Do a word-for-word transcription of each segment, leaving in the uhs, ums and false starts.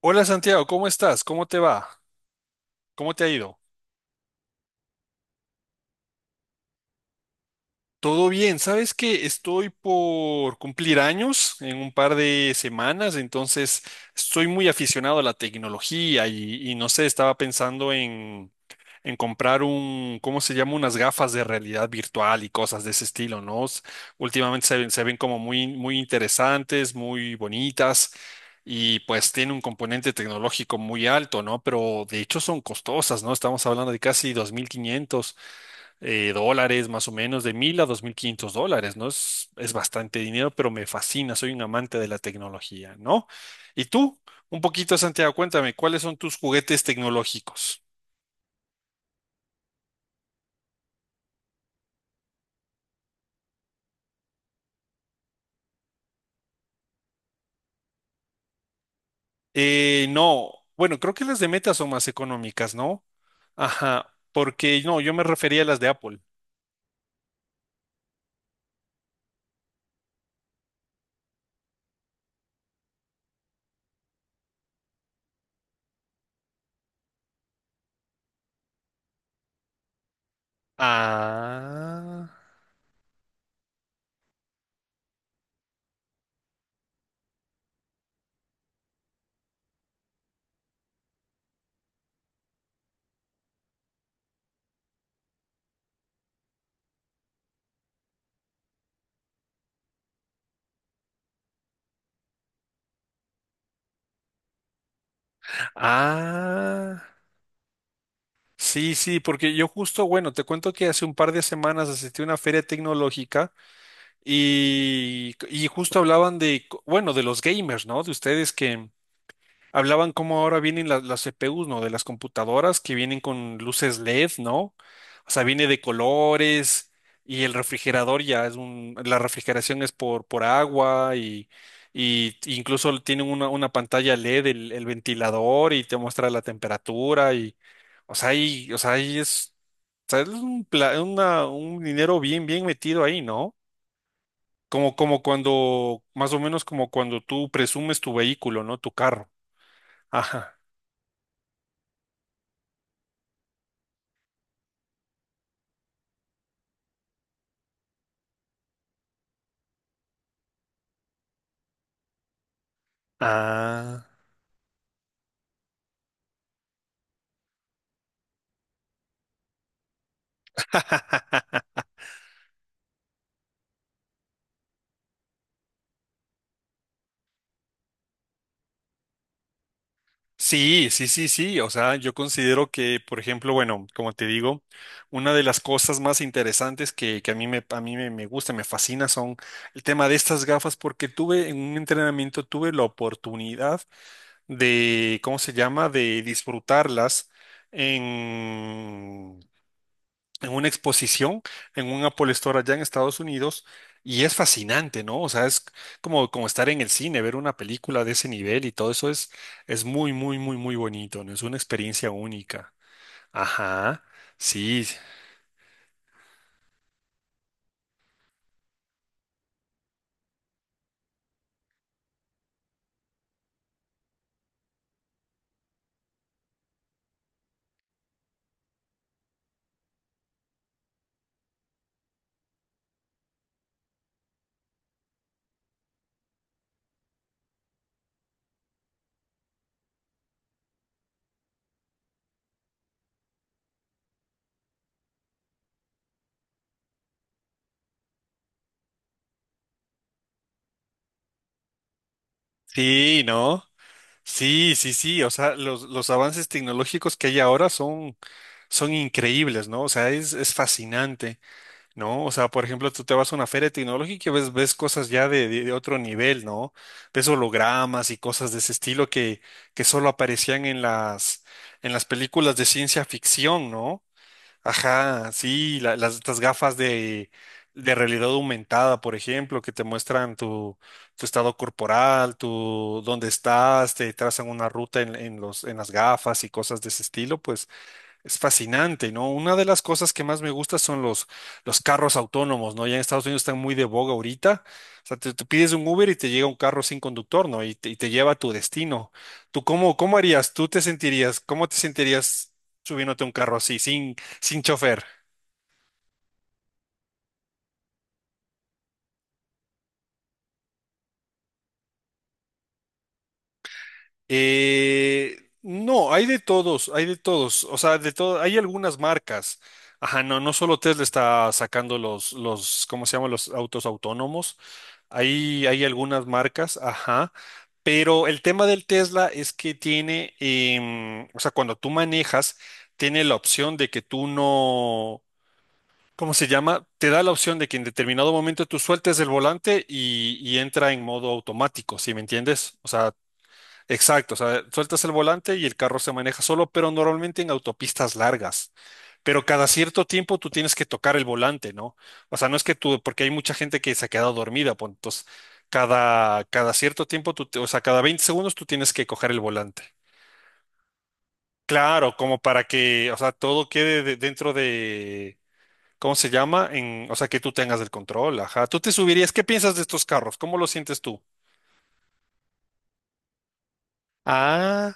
Hola Santiago, ¿cómo estás? ¿Cómo te va? ¿Cómo te ha ido? Todo bien, sabes que estoy por cumplir años en un par de semanas, entonces estoy muy aficionado a la tecnología y, y no sé, estaba pensando en, en comprar un, ¿cómo se llama? Unas gafas de realidad virtual y cosas de ese estilo, ¿no? S- Últimamente se ven, se ven como muy, muy interesantes, muy bonitas y pues tiene un componente tecnológico muy alto, ¿no? Pero de hecho son costosas, ¿no? Estamos hablando de casi dos mil quinientos eh, dólares, más o menos, de mil a dos mil quinientos dólares, ¿no? Es, es bastante dinero, pero me fascina, soy un amante de la tecnología, ¿no? Y tú, un poquito, Santiago, cuéntame, ¿cuáles son tus juguetes tecnológicos? Eh, no, bueno, creo que las de Meta son más económicas, ¿no? Ajá, porque no, yo me refería a las de Apple. Ah, ah, sí, sí, porque yo justo, bueno, te cuento que hace un par de semanas asistí a una feria tecnológica. Y, y justo hablaban de, co- bueno, de los gamers, ¿no? De ustedes que hablaban cómo ahora vienen la- las C P Us, ¿no? De las computadoras que vienen con luces L E D, ¿no? O sea, viene de colores y el refrigerador ya es un, la refrigeración es por, por agua y, y incluso tienen una, una pantalla L E D, el, el ventilador y te muestra la temperatura y, o sea, y, o sea, ahí es, o sea, es un, pla- una- un dinero bien, bien metido ahí, ¿no? Como, como cuando, más o menos como cuando tú presumes tu vehículo, ¿no? Tu carro. Ajá. Ah, sí, sí, sí, sí. O sea, yo considero que, por ejemplo, bueno, como te digo, una de las cosas más interesantes que, que a mí me, a mí me, me gusta, me fascina, son el tema de estas gafas, porque tuve en un entrenamiento, tuve la oportunidad de, ¿cómo se llama?, de disfrutarlas en, en una exposición en un Apple Store allá en Estados Unidos y es fascinante, ¿no? O sea, es como, como estar en el cine, ver una película de ese nivel y todo eso es, es muy, muy, muy, muy bonito, ¿no? Es una experiencia única. Ajá, sí, sí, ¿no? Sí, sí, sí, o sea, los, los avances tecnológicos que hay ahora son, son increíbles, ¿no? O sea, es, es fascinante. ¿No? O sea, por ejemplo, tú te vas a una feria tecnológica y ves, ves cosas ya de, de- de otro nivel, ¿no? Ves hologramas y cosas de ese estilo que, que solo aparecían en las, en las películas de ciencia ficción, ¿no? Ajá, sí, la- las, estas gafas de, de realidad aumentada, por ejemplo, que te muestran tu, tu estado corporal, tu dónde estás, te trazan una ruta en, en los, en las gafas y cosas de ese estilo, pues es fascinante, ¿no? Una de las cosas que más me gusta son los, los carros autónomos, ¿no? Ya en Estados Unidos están muy de boga ahorita. O sea, te, te pides un Uber y te llega un carro sin conductor, ¿no? Y te, y te lleva a tu destino. ¿Tú cómo, cómo harías? ¿Tú te sentirías, cómo te sentirías subiéndote a un carro así, sin, sin chofer? Eh, no, hay de todos, hay de todos, o sea, de todo, hay algunas marcas. Ajá, no, no solo Tesla está sacando los, los, ¿cómo se llaman? Los autos autónomos. Hay, hay algunas marcas, ajá. Pero el tema del Tesla es que tiene, em, o sea, cuando tú manejas, tiene la opción de que tú no, ¿cómo se llama? Te da la opción de que en determinado momento tú sueltes el volante y, y entra en modo automático, ¿sí me entiendes? O sea, exacto, o sea, sueltas el volante y el carro se maneja solo, pero normalmente en autopistas largas. Pero cada cierto tiempo tú tienes que tocar el volante, ¿no? O sea, no es que tú, porque hay mucha gente que se ha quedado dormida, pues, entonces cada, cada cierto tiempo, tú, te- o sea, cada veinte segundos tú tienes que coger el volante. Claro, como para que, o sea, todo quede de- dentro de, ¿cómo se llama? En, o sea, que tú tengas el control, ajá. Tú te subirías, ¿qué piensas de estos carros? ¿Cómo lo sientes tú? Ah,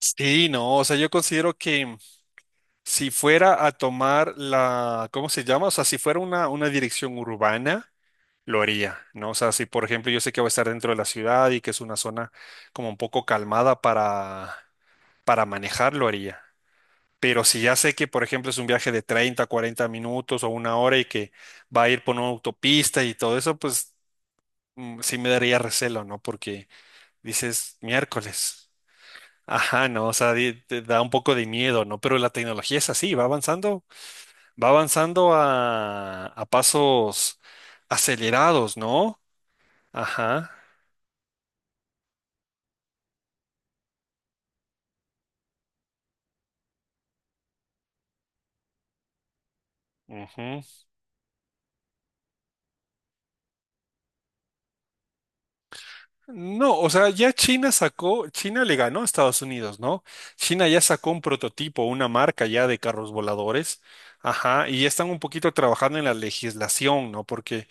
sí, no, o sea, yo considero que... Si fuera a tomar la, ¿cómo se llama? O sea, si fuera una, una dirección urbana, lo haría, ¿no? O sea, si por ejemplo yo sé que voy a estar dentro de la ciudad y que es una zona como un poco calmada para, para manejar, lo haría. Pero si ya sé que, por ejemplo, es un viaje de treinta, cuarenta minutos o una hora y que va a ir por una autopista y todo eso, pues mm, sí me daría recelo, ¿no? Porque dices miércoles. Ajá, no, o sea, di- te da un poco de miedo, ¿no? Pero la tecnología es así, va avanzando. Va avanzando a, a pasos acelerados, ¿no? Ajá. Ujú. No, o sea, ya China sacó, China le ganó a Estados Unidos, ¿no? China ya sacó un prototipo, una marca ya de carros voladores. Ajá, y ya están un poquito trabajando en la legislación, ¿no? Porque,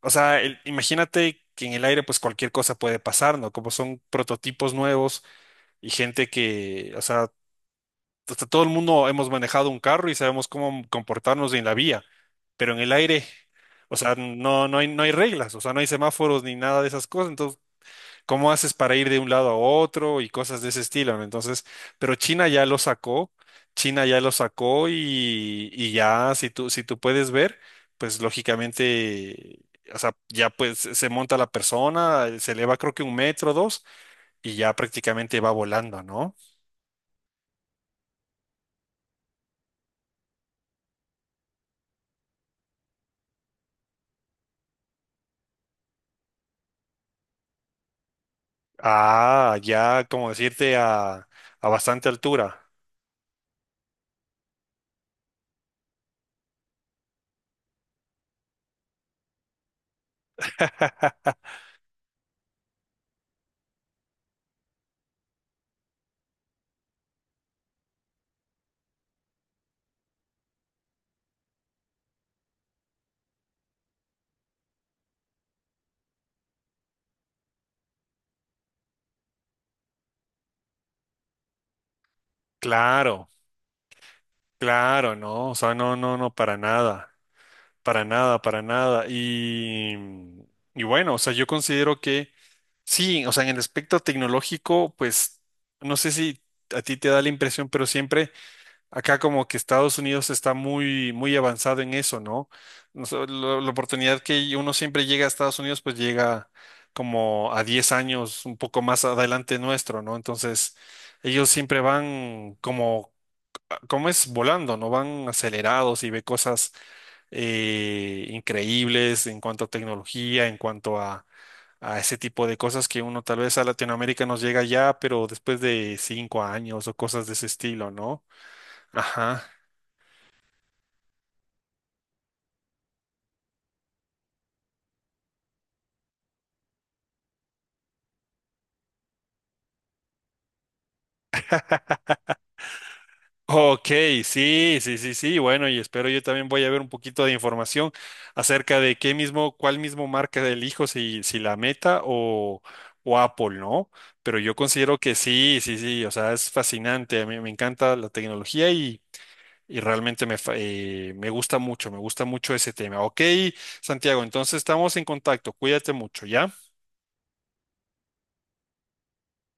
o sea, el- imagínate que en el aire pues cualquier cosa puede pasar, ¿no? Como son prototipos nuevos y gente que, o sea, hasta todo el mundo hemos manejado un carro y sabemos cómo comportarnos en la vía, pero en el aire, o sea, no, no hay, no hay reglas, o sea, no hay semáforos ni nada de esas cosas. Entonces, ¿cómo haces para ir de un lado a otro y cosas de ese estilo? ¿No? Entonces, pero China ya lo sacó, China ya lo sacó y, y ya, si tú, si tú puedes ver, pues lógicamente... O sea, ya pues se monta la persona, se eleva creo que un metro, dos, y ya prácticamente va volando, ¿no? Ah, ya, como decirte, a, a bastante altura. Claro, claro, no, o sea, no, no, no, para nada, para nada, para nada. Y, y bueno, o sea, yo considero que sí, o sea, en el aspecto tecnológico, pues, no sé si a ti te da la impresión, pero siempre... Acá como que Estados Unidos está muy, muy avanzado en eso, ¿no? No sé, lo- la oportunidad que uno siempre llega a Estados Unidos, pues llega como a diez años, un poco más adelante nuestro, ¿no? Entonces, ellos siempre van como, como es volando, ¿no? Van acelerados y ve cosas eh, increíbles en cuanto a tecnología, en cuanto a, a ese tipo de cosas que uno tal vez a Latinoamérica nos llega ya, pero después de cinco años o cosas de ese estilo, ¿no? Ajá. Ok, sí, sí, sí, sí. Bueno, y espero yo también voy a ver un poquito de información acerca de qué mismo, cuál mismo marca elijo, si, si la Meta o, o Apple, ¿no? Pero yo considero que sí, sí, sí. O sea, es fascinante. A mí me encanta la tecnología y, y realmente me, fa- eh, me gusta mucho, me gusta mucho ese tema. Ok, Santiago, entonces estamos en contacto. Cuídate mucho, ¿ya?